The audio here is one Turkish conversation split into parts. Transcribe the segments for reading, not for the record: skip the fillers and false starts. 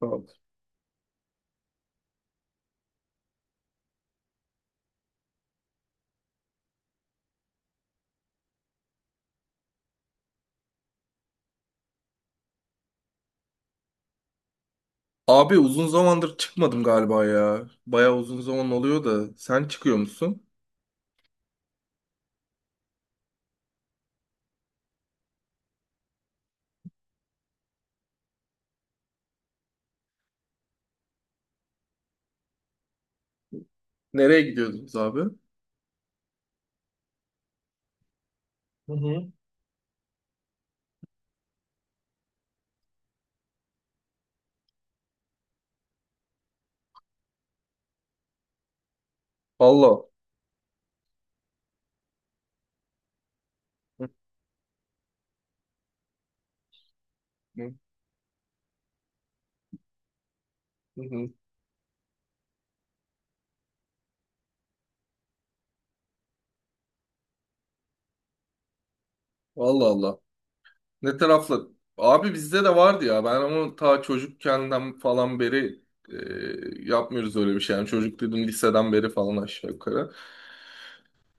Tamam. Abi uzun zamandır çıkmadım galiba ya. Bayağı uzun zaman oluyor da. Sen çıkıyor musun? Nereye gidiyordunuz abi? Hı hı. Allah. Hı hı, hı hı. Allah Allah. Ne tarafla? Abi bizde de vardı ya. Ben ama ta çocukkenden falan beri yapmıyoruz öyle bir şey. Yani çocuk dedim liseden beri falan aşağı yukarı.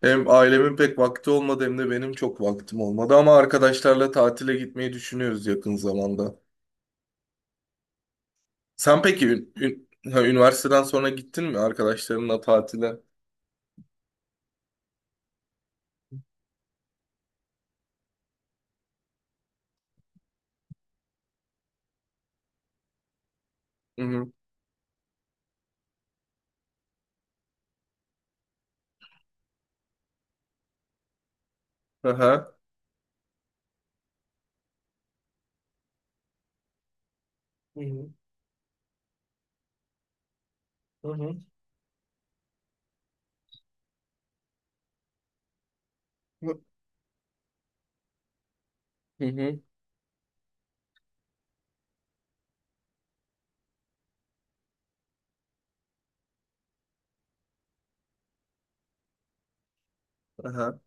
Hem ailemin pek vakti olmadı hem de benim çok vaktim olmadı. Ama arkadaşlarla tatile gitmeyi düşünüyoruz yakın zamanda. Sen peki üniversiteden sonra gittin mi arkadaşlarınla tatile? Hı hı. Aha. Hı hı. Hı hı. Hı hı. Aha.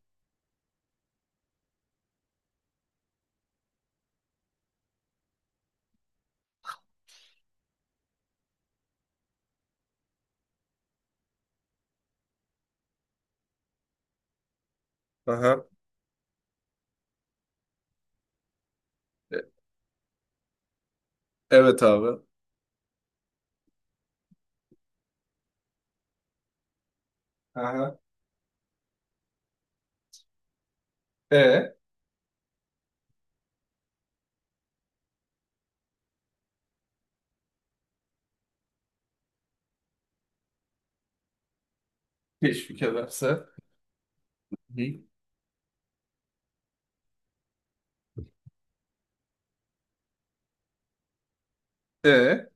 Aha. E, evet abi. Aha. E. Teşvik ederse. Hı. E.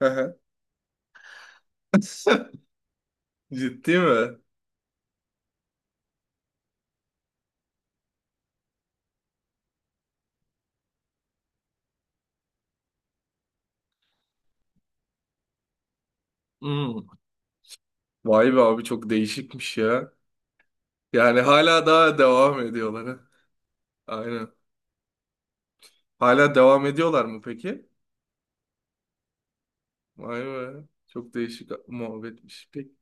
Aha. Ciddi mi? Hmm. Vay be abi çok değişikmiş ya. Yani hala daha devam ediyorlar, ha. Aynen. Hala devam ediyorlar mı peki? Vay be. Çok değişik muhabbetmiş. Peki.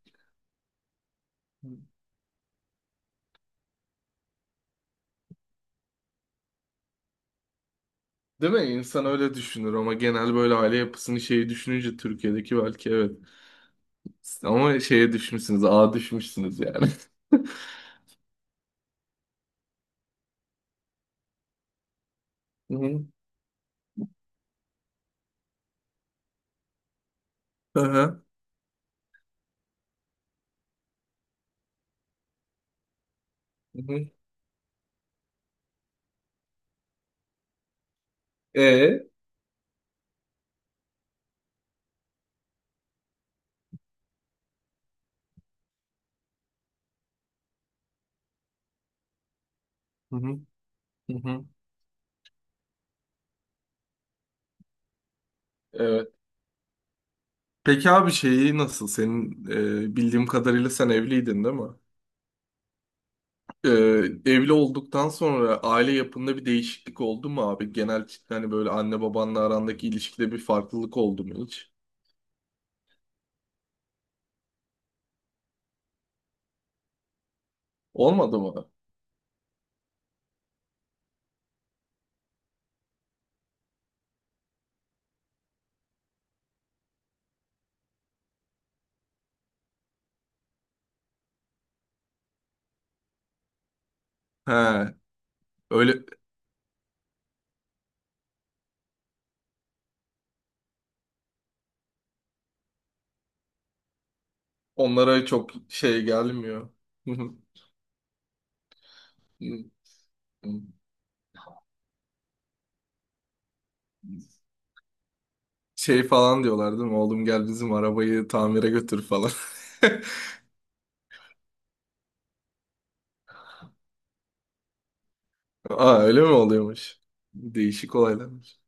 Değil mi? İnsan öyle düşünür ama genel böyle aile yapısını şeyi düşününce Türkiye'deki belki evet. Ama şeye düşmüşsünüz, ağa düşmüşsünüz yani. Hı hı. Aha. Hı hı. E? Hı hı. Hı hı. Evet. Peki abi şeyi nasıl? Senin bildiğim kadarıyla sen evliydin değil mi? E, Evli olduktan sonra aile yapında bir değişiklik oldu mu abi? Genel hani böyle anne babanla arandaki ilişkide bir farklılık oldu mu hiç? Olmadı mı? He, öyle. Onlara çok şey gelmiyor. Şey falan diyorlar değil mi? Oğlum gel bizim arabayı tamire götür falan. Aa öyle mi oluyormuş? Değişik olaylarmış.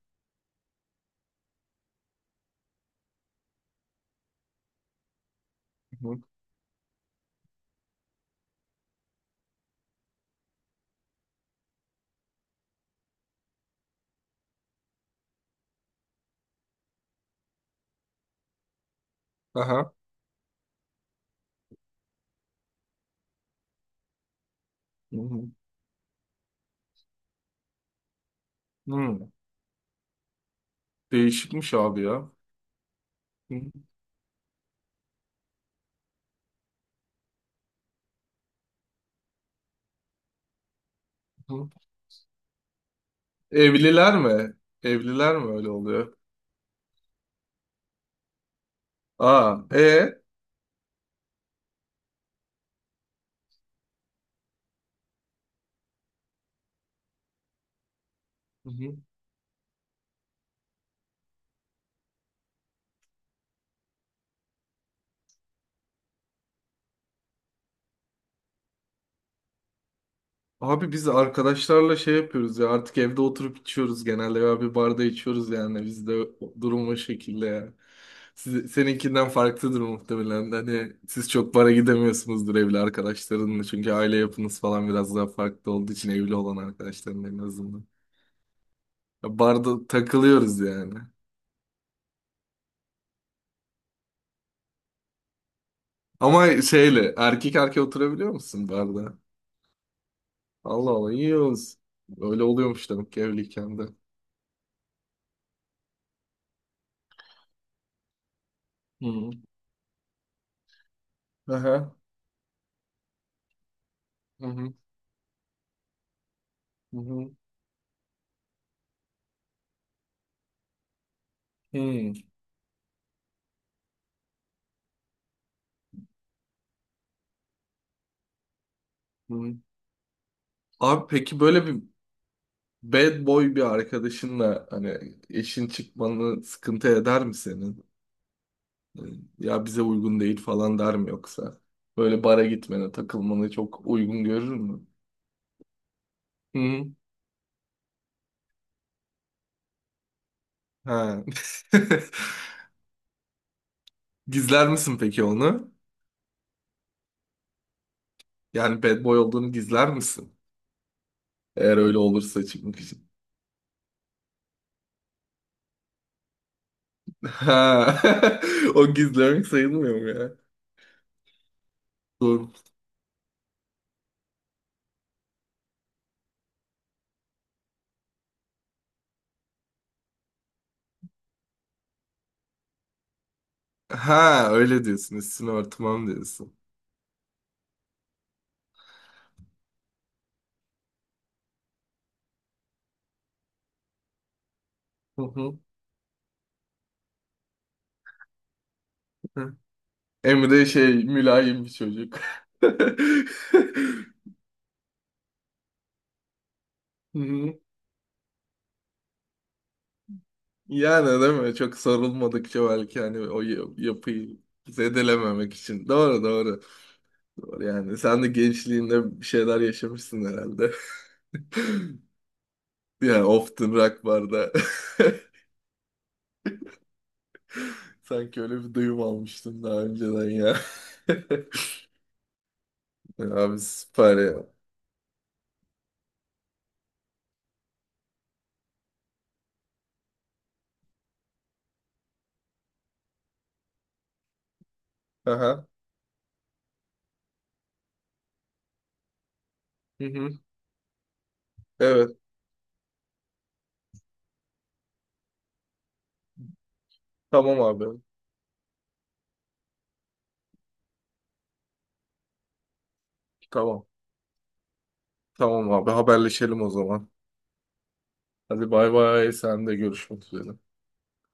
Hı. Aha. Hmm. Değişikmiş abi ya. Hı hı. Evliler mi? Evliler mi öyle oluyor? Aa, e? Hı hı. Abi biz arkadaşlarla şey yapıyoruz ya, artık evde oturup içiyoruz genelde ya bir barda içiyoruz yani bizde durum o şekilde ya. Seninkinden farklıdır muhtemelen. Hani siz çok bara gidemiyorsunuzdur evli arkadaşlarınla çünkü aile yapınız falan biraz daha farklı olduğu için evli olan arkadaşların en azından. Ya barda takılıyoruz yani. Ama şeyle erkek erkeğe oturabiliyor musun barda? Allah Allah, iyi olsun. Öyle oluyormuş demek ki evliyken de. Hı. Aha. Hı hı. Hı hı. Hı. Hı. Abi peki böyle bir bad boy bir arkadaşınla hani eşin çıkmanı sıkıntı eder mi senin? Ee, Ya bize uygun değil falan der mi yoksa? Böyle bara gitmene, takılmanı çok uygun görür mü? Hı hı. Ha. Gizler misin peki onu? Yani bad boy olduğunu gizler misin? Eğer öyle olursa çıkmak için. Ha. O gizlemek sayılmıyor mu ya? Doğru. Ha öyle diyorsun. Üstünü örtmem diyorsun. Hı hı. Emre şey mülayim bir çocuk. Hı hı. Yani değil mi? Çok sarılmadıkça belki hani yapıyı zedelememek için. Doğru doğru. Doğru yani. Sen de gençliğinde bir şeyler yaşamışsın herhalde. Yani Often Rock barda. Sanki öyle bir duyum almıştım daha önceden ya. Ya abi süper ya. Aha. Hı hı. Evet. Tamam abi. Tamam. Tamam abi. Haberleşelim o zaman. Hadi bay bay. Sen de görüşmek üzere.